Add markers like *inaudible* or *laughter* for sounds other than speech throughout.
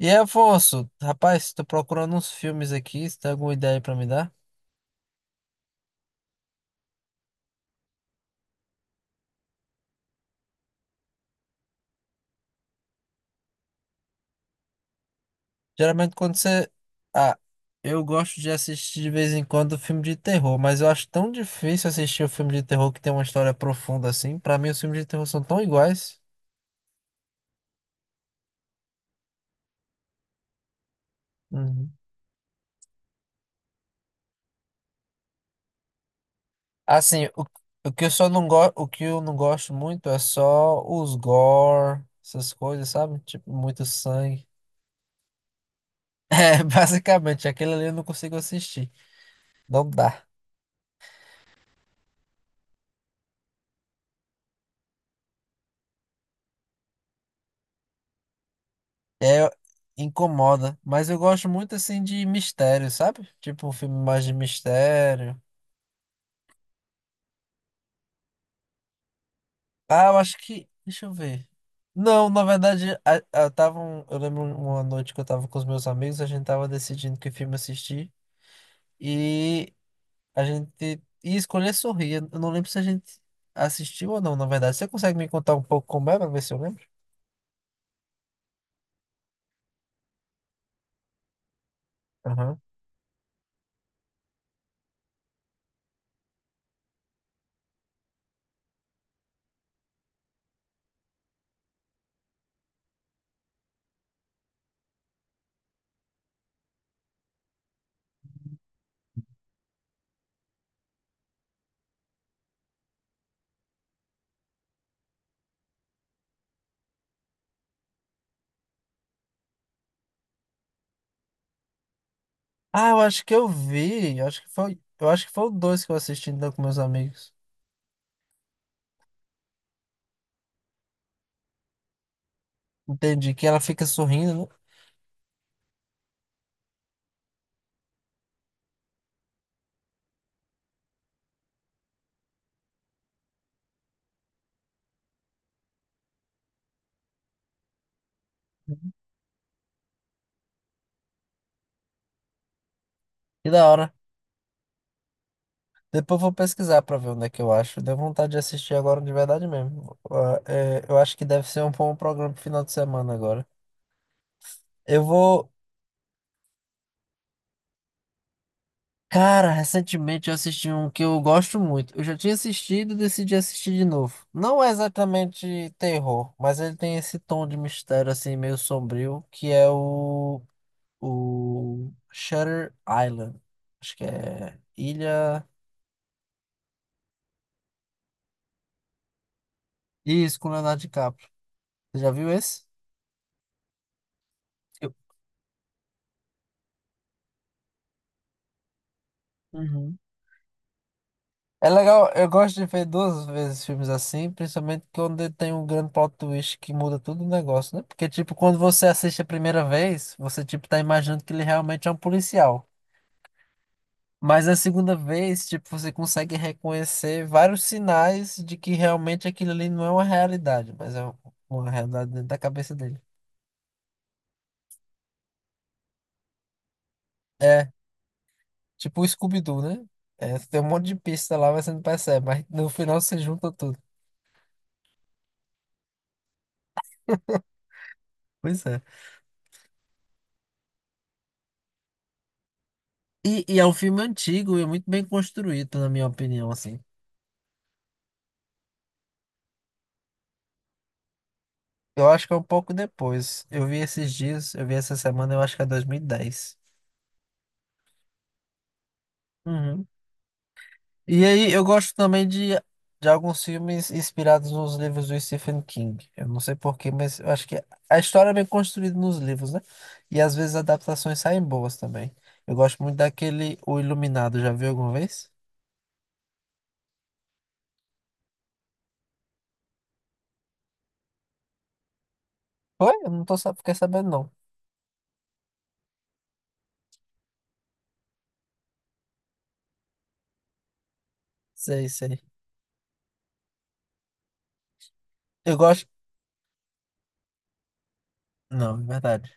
E aí, Afonso, rapaz, tô procurando uns filmes aqui, se tem alguma ideia pra me dar? Geralmente quando você... Ah, eu gosto de assistir de vez em quando filme de terror, mas eu acho tão difícil assistir o filme de terror que tem uma história profunda assim. Pra mim, os filmes de terror são tão iguais. Uhum. Assim, o que eu só não gosto, o que eu não gosto muito é só os gore, essas coisas, sabe? Tipo, muito sangue. *laughs* É, basicamente, aquele ali eu não consigo assistir. Não dá. É, incomoda, mas eu gosto muito assim de mistério, sabe? Tipo um filme mais de mistério. Ah, eu acho que. Deixa eu ver. Não, na verdade, eu lembro uma noite que eu tava com os meus amigos, a gente tava decidindo que filme assistir e a gente ia escolher Sorrir. Eu não lembro se a gente assistiu ou não, na verdade. Você consegue me contar um pouco como é pra ver se eu lembro? Aham. Ah, eu acho que eu vi. Eu acho que foi o dois que eu assisti então com meus amigos. Entendi, que ela fica sorrindo, né? Que da hora. Depois eu vou pesquisar pra ver onde é que eu acho. Deu vontade de assistir agora de verdade mesmo. Ah, é, eu acho que deve ser um bom programa pro final de semana agora. Eu vou. Cara, recentemente eu assisti um que eu gosto muito. Eu já tinha assistido e decidi assistir de novo. Não é exatamente terror, mas ele tem esse tom de mistério assim, meio sombrio, que é o Shutter Island. Acho que é Ilha. Isso, com Leonardo DiCaprio. Você já viu esse? Eu- Uhum. É legal, eu gosto de ver duas vezes filmes assim, principalmente quando tem um grande plot twist que muda todo o negócio, né? Porque, tipo, quando você assiste a primeira vez, você, tipo, tá imaginando que ele realmente é um policial. Mas na segunda vez, tipo, você consegue reconhecer vários sinais de que realmente aquilo ali não é uma realidade, mas é uma realidade dentro da cabeça dele. É, tipo o Scooby-Doo, né? É, tem um monte de pista lá, mas você não percebe, mas no final você junta tudo. Pois é. E é um filme antigo e muito bem construído, na minha opinião, assim. Eu acho que é um pouco depois. Eu vi esses dias, eu vi essa semana, eu acho que é 2010. Uhum. E aí, eu gosto também de alguns filmes inspirados nos livros do Stephen King. Eu não sei porquê, mas eu acho que a história é bem construída nos livros, né? E às vezes adaptações saem boas também. Eu gosto muito daquele O Iluminado, já viu alguma vez? Foi? Eu não tô, sa- fiquei sabendo, não. Sei, sei. Eu gosto. Não, é verdade.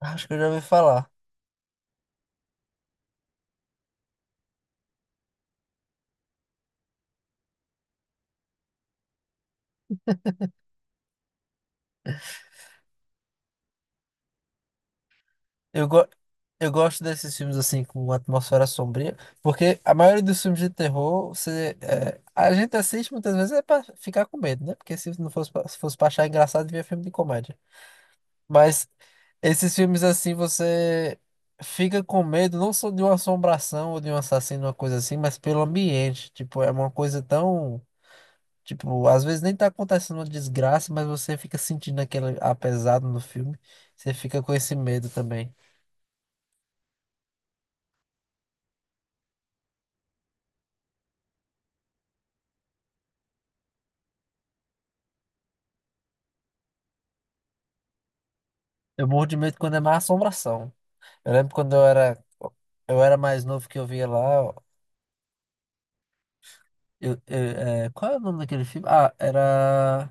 Acho que eu já ouvi falar. Eu, go eu gosto desses filmes assim com uma atmosfera sombria, porque a maioria dos filmes de terror, você, é, a gente assiste muitas vezes é para ficar com medo, né? Porque se fosse para achar engraçado, devia filme de comédia. Mas esses filmes assim, você fica com medo não só de uma assombração ou de um assassino, uma coisa assim, mas pelo ambiente. Tipo, é uma coisa tão, tipo, às vezes nem tá acontecendo uma desgraça, mas você fica sentindo aquele apesado no filme, você fica com esse medo também. Eu morro de medo quando é má assombração. Eu lembro quando eu era mais novo que eu via lá. Eu, eu- é, qual é o nome daquele filme? Ah, era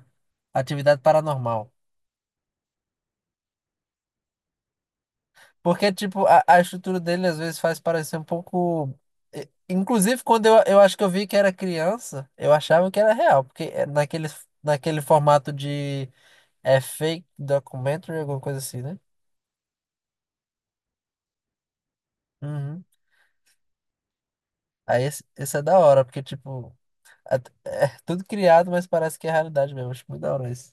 Atividade Paranormal. Porque, tipo, a estrutura dele às vezes faz parecer um pouco. Inclusive, quando eu acho que eu vi que era criança, eu achava que era real. Porque é naquele formato de é fake documentary, alguma coisa assim, né? Uhum. Aí esse é da hora, porque, tipo. É tudo criado, mas parece que é realidade mesmo. Acho muito da hora isso.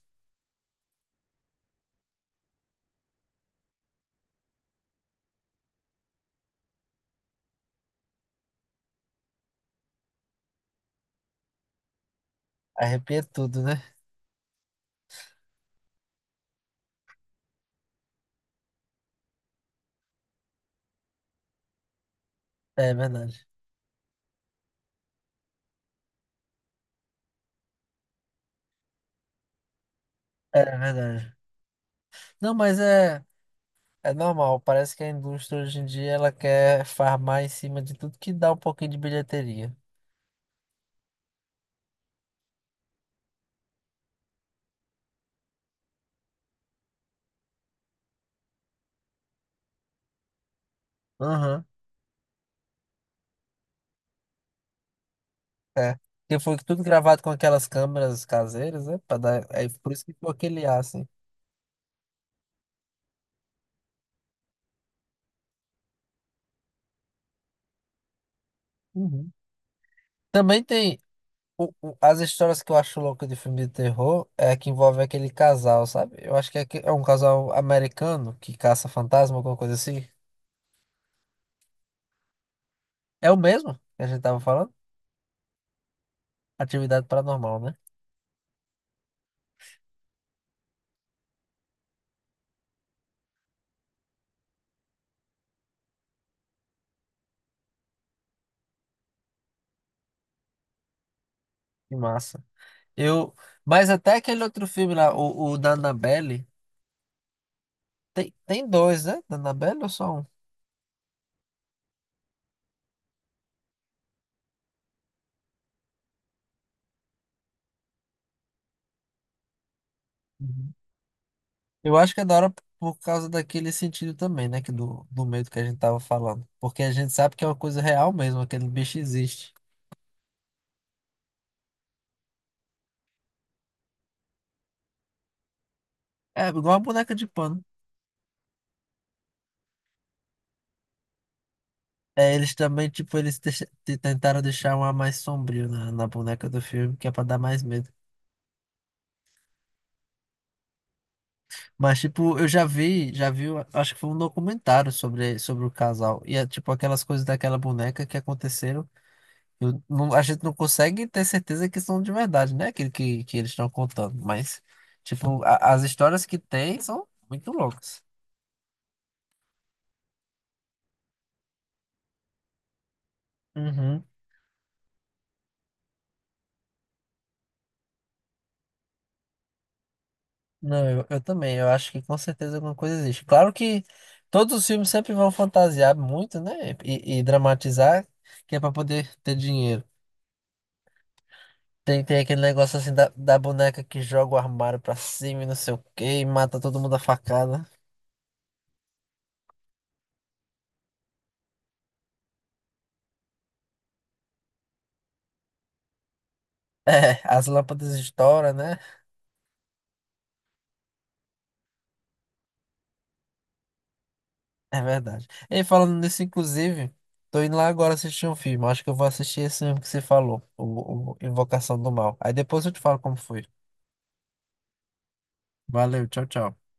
Arrepia tudo, né? É verdade. É verdade. Não, mas é, é normal. Parece que a indústria hoje em dia ela quer farmar em cima de tudo que dá um pouquinho de bilheteria. Aham. É. Porque foi tudo gravado com aquelas câmeras caseiras, né? Pra dar, é por isso que ficou aquele ar, assim. Uhum. Também tem. As histórias que eu acho louca de filme de terror é que envolve aquele casal, sabe? Eu acho que é, é um casal americano que caça fantasma, alguma coisa assim. É o mesmo que a gente tava falando? Atividade paranormal, né? Que massa. Eu, mas até aquele outro filme lá, o da Annabelle, tem, tem dois, né? Da Annabelle ou só um? Uhum. Eu acho que é da hora por causa daquele sentido também, né? Que do, do medo que a gente tava falando. Porque a gente sabe que é uma coisa real mesmo, aquele bicho existe. É igual a boneca de pano. É, eles também, tipo, tentaram deixar um ar mais sombrio na, na boneca do filme, que é pra dar mais medo. Mas, tipo, já vi, eu acho que foi um documentário sobre, sobre o casal. E é, tipo, aquelas coisas daquela boneca que aconteceram. Eu não- a gente não consegue ter certeza que são de verdade, né? Aquilo que eles estão contando. Mas, tipo, as histórias que tem são muito loucas. Uhum. Não, eu também. Eu acho que com certeza alguma coisa existe. Claro que todos os filmes sempre vão fantasiar muito, né? E dramatizar, que é pra poder ter dinheiro. Tem, tem aquele negócio assim da, da boneca que joga o armário pra cima e não sei o quê, e mata todo mundo a facada. *laughs* É, as lâmpadas estouram, né? É verdade. E falando nisso, inclusive, tô indo lá agora assistir um filme. Acho que eu vou assistir esse filme que você falou, o Invocação do Mal. Aí depois eu te falo como foi. Valeu, tchau, tchau.